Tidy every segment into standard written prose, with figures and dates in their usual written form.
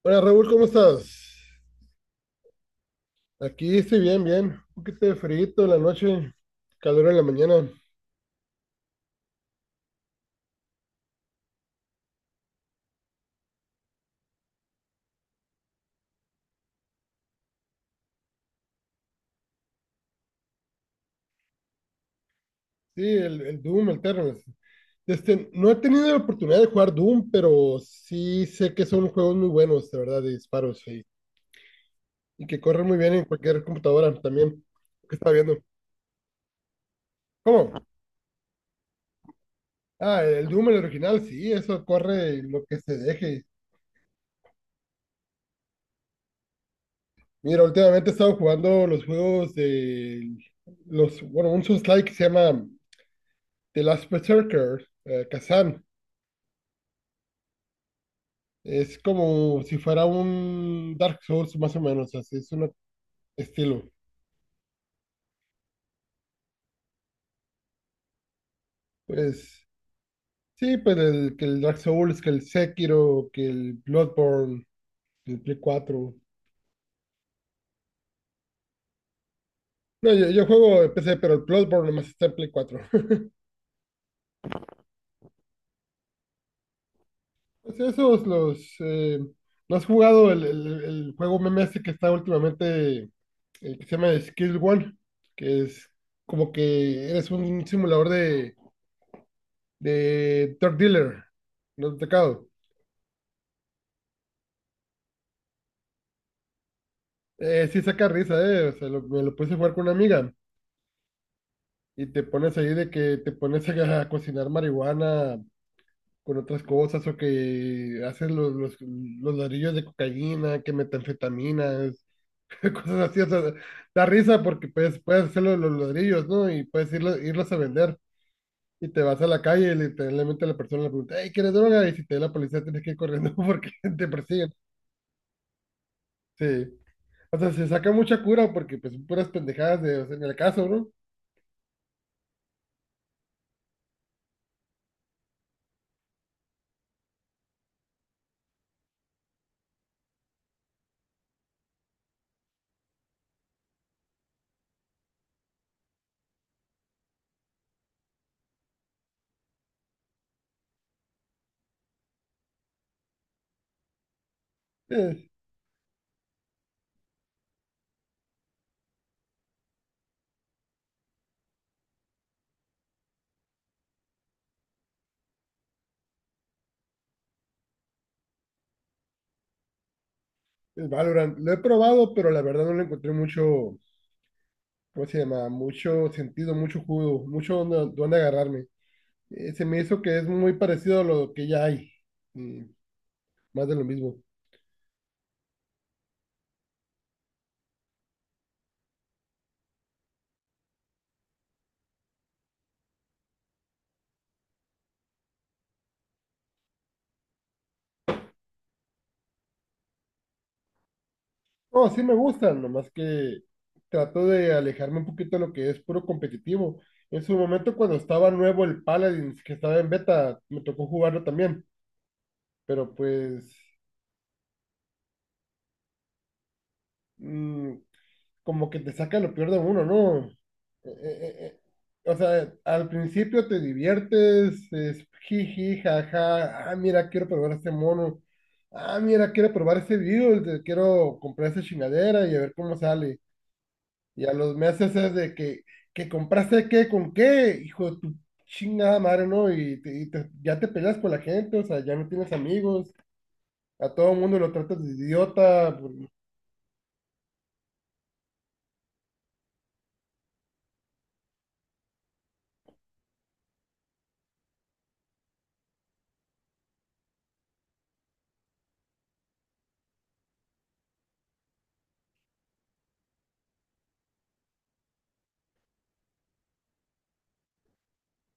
Hola Raúl, ¿cómo estás? Aquí estoy bien, bien. Un poquito de frío en la noche, calor en la mañana. Sí, el Doom, el Terrace. Este, no he tenido la oportunidad de jugar Doom, pero sí sé que son juegos muy buenos, de verdad, de disparos, sí. Y que corren muy bien en cualquier computadora también. ¿Qué está viendo? ¿Cómo? Ah, el Doom, el original, sí, eso corre lo que se deje. Mira, últimamente he estado jugando los juegos de los, bueno, un Souls-like que se llama The Last Berserker, Kazan. Es como si fuera un Dark Souls más o menos, así es un estilo. Pues sí, pues el, que el Dark Souls, que el Sekiro, que el Bloodborne, el Play 4. No, yo juego en PC, pero el Bloodborne nomás está en Play cuatro. Pues esos los... ¿no has jugado el juego meme este que está últimamente, el que se llama Skill One? Que es como que eres un simulador de Third Dealer, no te tocado. Sí saca risa, eh. O sea, me lo puse a jugar con una amiga y te pones ahí de que te pones a cocinar marihuana con otras cosas o que haces los ladrillos de cocaína, que metanfetaminas, cosas así. O sea, da risa porque puedes, puedes hacer los ladrillos, ¿no? Y puedes irlos a vender. Y te vas a la calle y literalmente la persona le pregunta, hey, ¿quieres droga? Y si te da la policía tienes que ir corriendo porque te persiguen. Sí. O sea, se saca mucha cura porque pues son puras pendejadas de, o sea, en el caso, ¿no? Eh, el Valorant. Lo he probado, pero la verdad no le encontré mucho, ¿cómo se llama? Mucho sentido, mucho jugo, mucho donde, donde agarrarme. Se me hizo que es muy parecido a lo que ya hay. mm, más de lo mismo. No, sí me gustan, nomás que trato de alejarme un poquito de lo que es puro competitivo. En su momento, cuando estaba nuevo el Paladins, que estaba en beta, me tocó jugarlo también. Pero pues mm, como que te saca lo peor de uno, ¿no? Eh, eh, eh, o sea, al principio te diviertes, es jiji, jaja, ah, mira, quiero probar ese mono, ah, mira, quiero probar ese virus, quiero comprar esa chingadera y a ver cómo sale. Y a los meses es de que compraste qué, con qué, hijo de tu chingada madre, ¿no? Y, y ya te peleas con la gente, o sea, ya no tienes amigos, a todo el mundo lo tratas de idiota.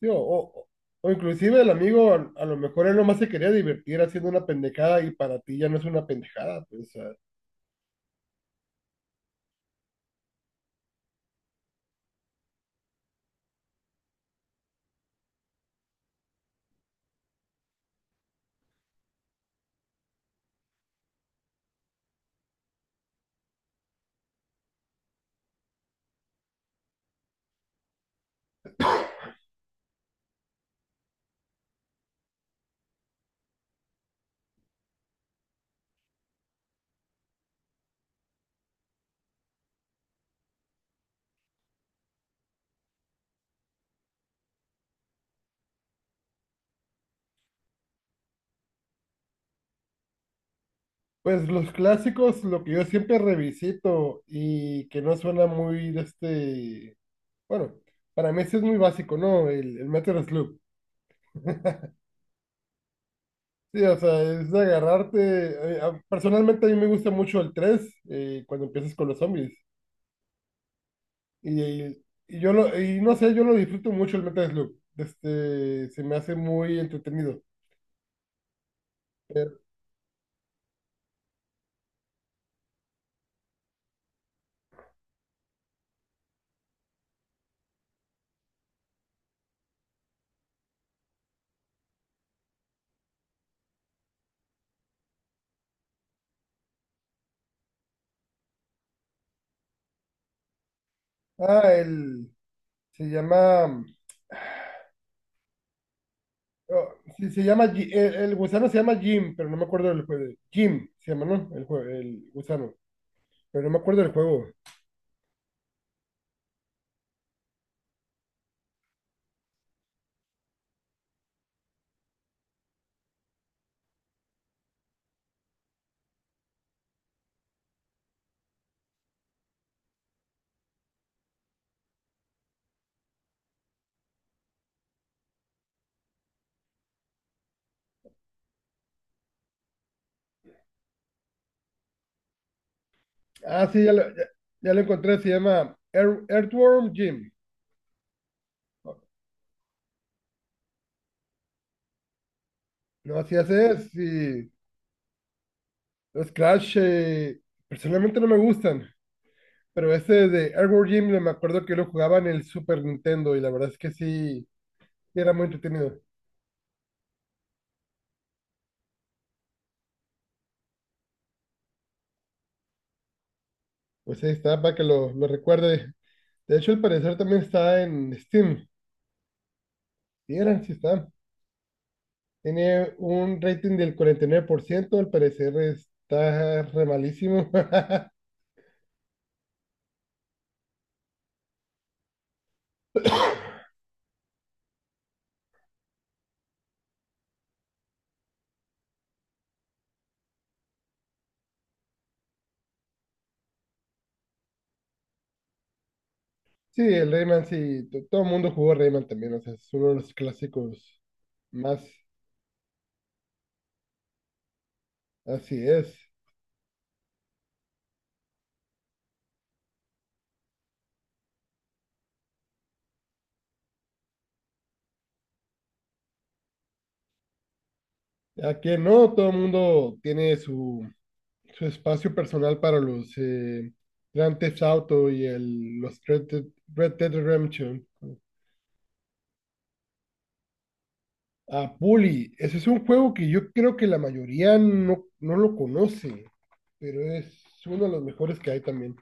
Digo, o inclusive el amigo a lo mejor él nomás se quería divertir haciendo una pendejada y para ti ya no es una pendejada. Pues, o sea, pues los clásicos, lo que yo siempre revisito y que no suena muy de este, bueno, para mí sí es muy básico, ¿no? El Metal Slug. Sí, o sea, es de agarrarte. Personalmente a mí me gusta mucho el 3, cuando empiezas con los zombies. Y yo lo, y no sé, yo lo disfruto mucho el Metal Slug. Este, se me hace muy entretenido. Ah, el se llama, oh, sí, se llama, el gusano se llama Jim, pero no me acuerdo del juego. Jim se llama, ¿no? El, el gusano, pero no me acuerdo del juego. Ah, sí, ya lo encontré, se llama Earthworm Jim. No, así hace, y los Crash, personalmente no me gustan, pero ese de Earthworm Jim me acuerdo que lo jugaba en el Super Nintendo y la verdad es que sí, sí era muy entretenido. Pues ahí está, para que lo recuerde. De hecho, al parecer también está en Steam. Mira, sí está. Tiene un rating del 49%, al parecer está re malísimo. Sí, el Rayman sí, todo el mundo jugó Rayman también, o sea, es uno de los clásicos más, así es. ¿A quién no? Todo el mundo tiene su, su espacio personal para los Grand Theft Auto y el, los Red Dead, Red Dead Redemption. Ah, Puli, ese es un juego que yo creo que la mayoría no, no lo conoce, pero es uno de los mejores que hay también.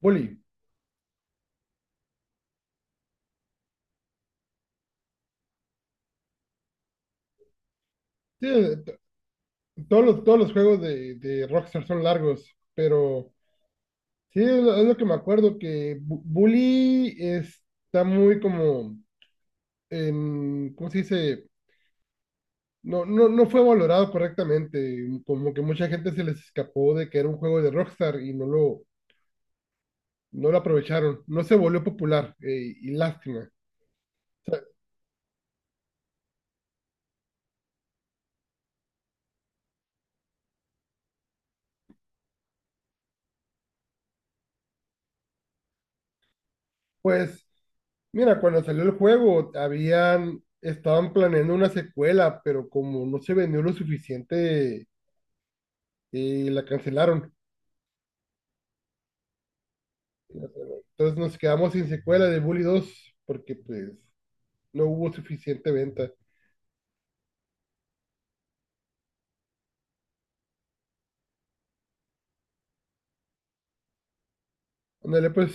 Puli, sí, t- todos los juegos de Rockstar son largos, pero sí, es lo que me acuerdo, que Bully está muy como, en, ¿cómo se dice? No, no, no fue valorado correctamente, como que mucha gente se les escapó de que era un juego de Rockstar y no lo, no lo aprovecharon, no se volvió popular, y lástima. Pues mira, cuando salió el juego, habían, estaban planeando una secuela, pero como no se vendió lo suficiente, la cancelaron. Entonces nos quedamos sin secuela de Bully 2 porque pues no hubo suficiente venta. Ándale, pues